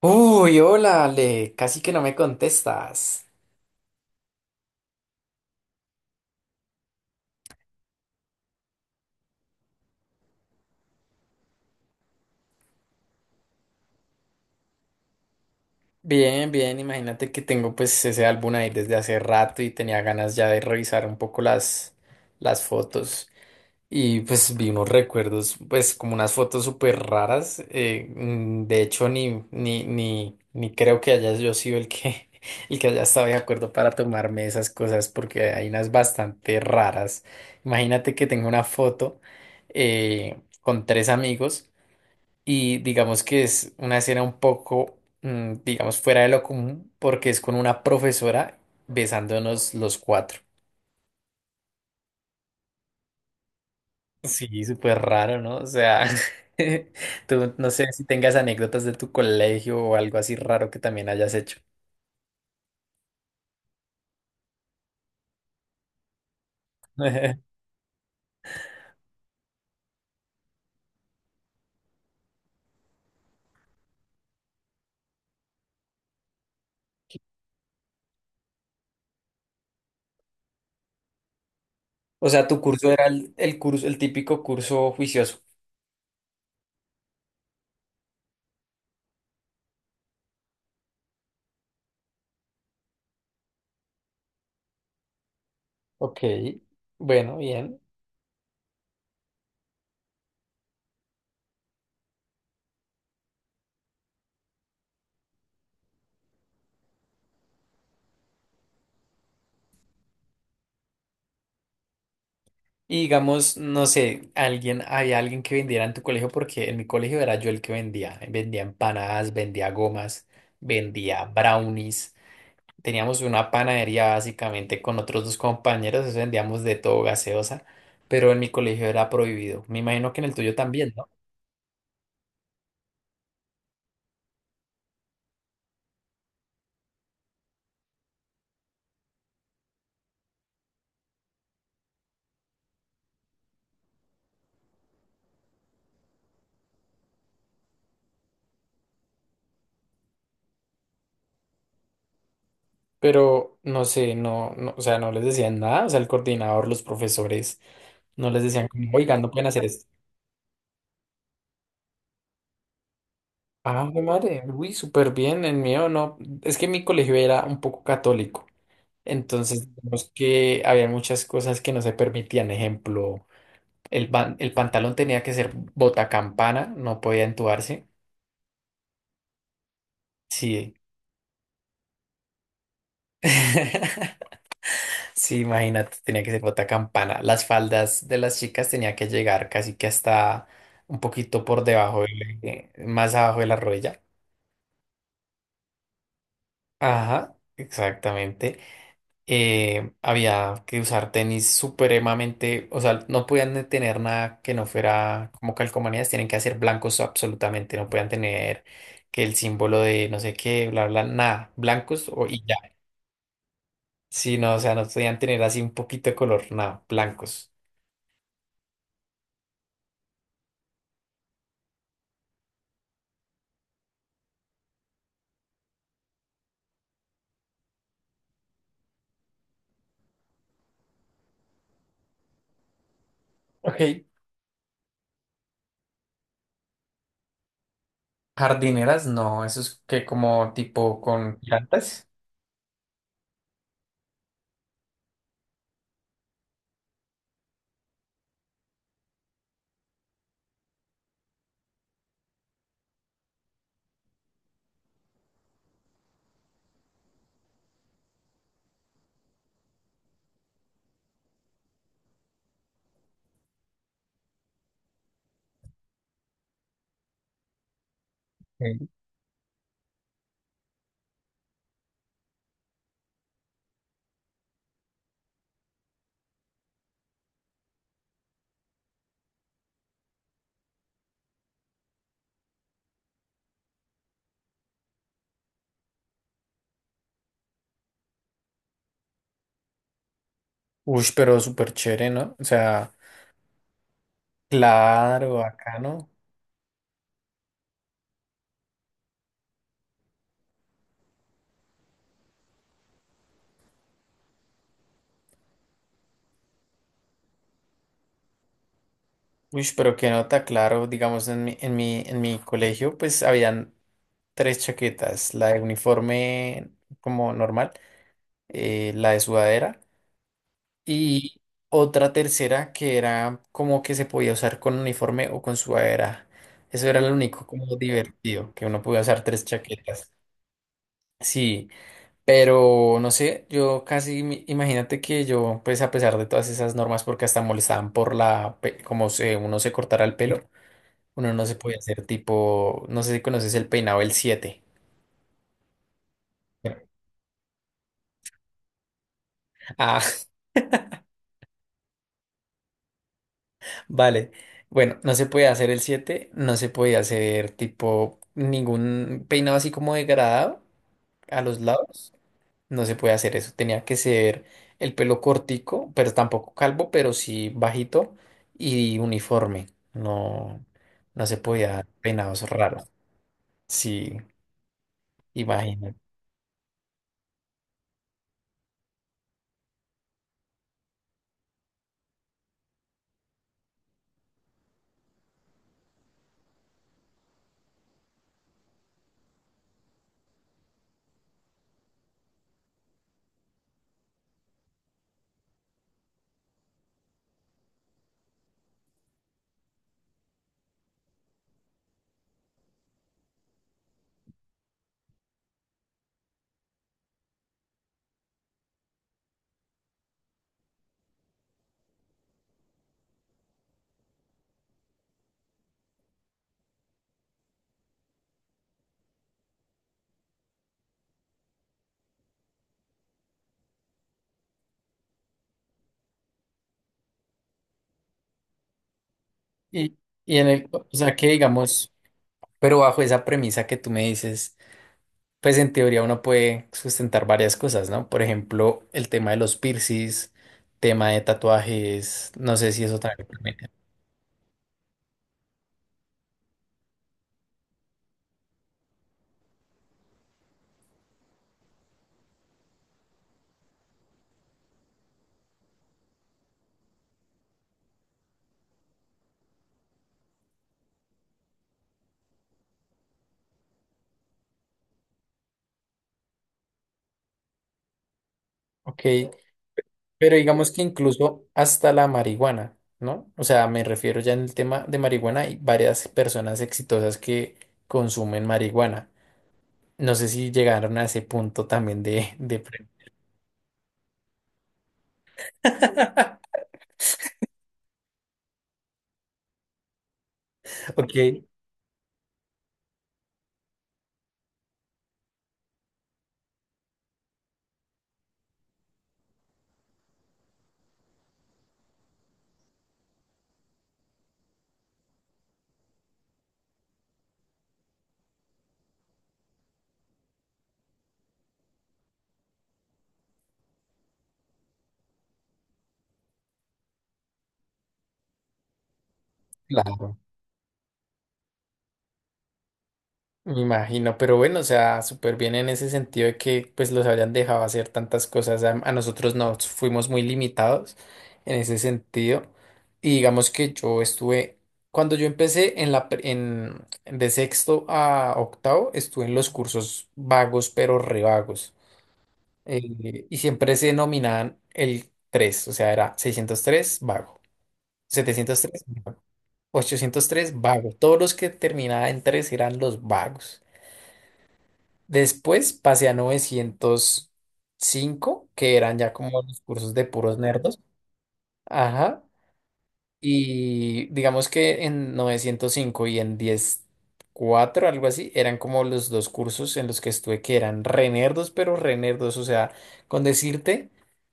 Uy, hola Ale, casi que no me contestas. Bien, bien, imagínate que tengo pues ese álbum ahí desde hace rato y tenía ganas ya de revisar un poco las fotos y pues vi unos recuerdos, pues como unas fotos súper raras, de hecho ni creo que haya yo sido el que, el que haya estado de acuerdo para tomarme esas cosas porque hay unas bastante raras. Imagínate que tengo una foto con tres amigos. Y digamos que es una escena un poco, digamos, fuera de lo común porque es con una profesora besándonos los cuatro. Sí, súper raro, ¿no? O sea, tú no sé si tengas anécdotas de tu colegio o algo así raro que también hayas hecho. O sea, tu curso era el curso, el típico curso juicioso. Ok, bueno, bien. Y digamos, no sé, alguien, había alguien que vendiera en tu colegio, porque en mi colegio era yo el que vendía. Vendía empanadas, vendía gomas, vendía brownies. Teníamos una panadería básicamente con otros dos compañeros, eso vendíamos de todo gaseosa, pero en mi colegio era prohibido. Me imagino que en el tuyo también, ¿no? Pero no sé, o sea, no les decían nada, o sea, el coordinador, los profesores, no les decían como, oigan, no pueden hacer esto. Ah, mi madre, uy, súper bien, el mío no. Es que mi colegio era un poco católico. Entonces, digamos que había muchas cosas que no se permitían. Ejemplo, el pantalón tenía que ser botacampana, no podía entubarse. Sí. Sí, imagínate, tenía que ser botacampana. Las faldas de las chicas tenía que llegar casi que hasta un poquito por debajo, más abajo de la rodilla. Ajá, exactamente. Había que usar tenis supremamente, o sea, no podían tener nada que no fuera como calcomanías, tienen que hacer blancos absolutamente, no podían tener que el símbolo de no sé qué, bla, bla, nada, blancos o y ya. Sí, no, o sea, no podían tener así un poquito de color, nada, blancos. Ok. Jardineras, no, eso es que como tipo con plantas. Uy, pero súper chévere, ¿no? O sea, claro, acá, ¿no? Uy, pero qué nota, claro, digamos en mi colegio pues habían tres chaquetas, la de uniforme como normal, la de sudadera y otra tercera que era como que se podía usar con uniforme o con sudadera. Eso era lo único como divertido, que uno podía usar tres chaquetas. Sí, pero no sé, yo casi, imagínate que yo pues a pesar de todas esas normas porque hasta molestaban como se, uno se cortara el pelo. Uno no se puede hacer tipo, no sé si conoces el peinado el siete. Ah, vale. Bueno, no se puede hacer el siete, no se puede hacer tipo ningún peinado así como degradado a los lados. No se puede hacer eso. Tenía que ser el pelo cortico, pero tampoco calvo, pero sí bajito y uniforme. No, no se podía dar peinados raros. Sí, imagínate. Y, y en el, o sea que digamos, pero bajo esa premisa que tú me dices. Pues en teoría uno puede sustentar varias cosas, ¿no? Por ejemplo, el tema de los piercings, tema de tatuajes, no sé si eso también permite. Ok, pero digamos que incluso hasta la marihuana, ¿no? O sea, me refiero ya en el tema de marihuana, hay varias personas exitosas que consumen marihuana. No sé si llegaron a ese punto también de, de. Ok, claro. Me imagino, pero bueno, o sea, súper bien en ese sentido de que pues los hayan dejado hacer tantas cosas. A nosotros nos fuimos muy limitados en ese sentido. Y digamos que yo estuve, cuando yo empecé en la, pre- en, de sexto a octavo, estuve en los cursos vagos, pero re vagos. Y siempre se denominaban el 3 o sea, era 603 vago, 703 vago, 803 vago. Todos los que terminaban en 3 eran los vagos. Después pasé a 905 que eran ya como los cursos de puros nerdos. Ajá. Y digamos que en 905 y en diez cuatro algo así, eran como los dos cursos en los que estuve que eran re nerdos, pero re nerdos. O sea, con decirte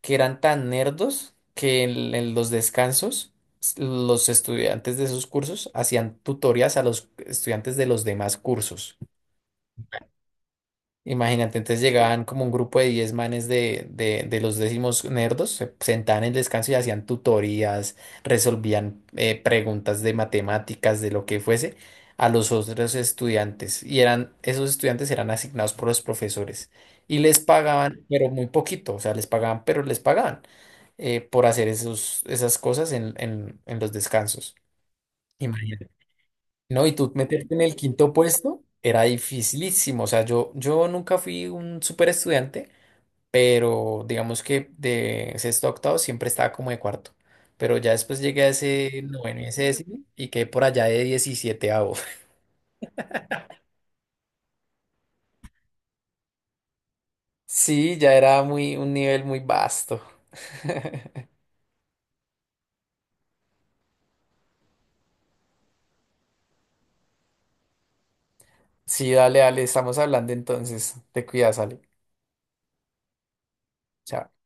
que eran tan nerdos que en los descansos los estudiantes de esos cursos hacían tutorías a los estudiantes de los demás cursos. Imagínate, entonces llegaban como un grupo de 10 manes de los décimos nerdos, se sentaban en el descanso y hacían tutorías, resolvían preguntas de matemáticas, de lo que fuese, a los otros estudiantes. Y eran, esos estudiantes eran asignados por los profesores. Y les pagaban, pero muy poquito, o sea, les pagaban, pero les pagaban por hacer esos, esas cosas en los descansos. Imagínate. No, y tú meterte en el quinto puesto era dificilísimo. O sea, yo nunca fui un súper estudiante, pero digamos que de sexto a octavo siempre estaba como de cuarto. Pero ya después llegué a ese noveno y ese décimo y quedé por allá de 17.º. Sí, ya era muy, un nivel muy vasto. Sí, dale, dale, estamos hablando entonces. Te cuidas, Ale. Chao.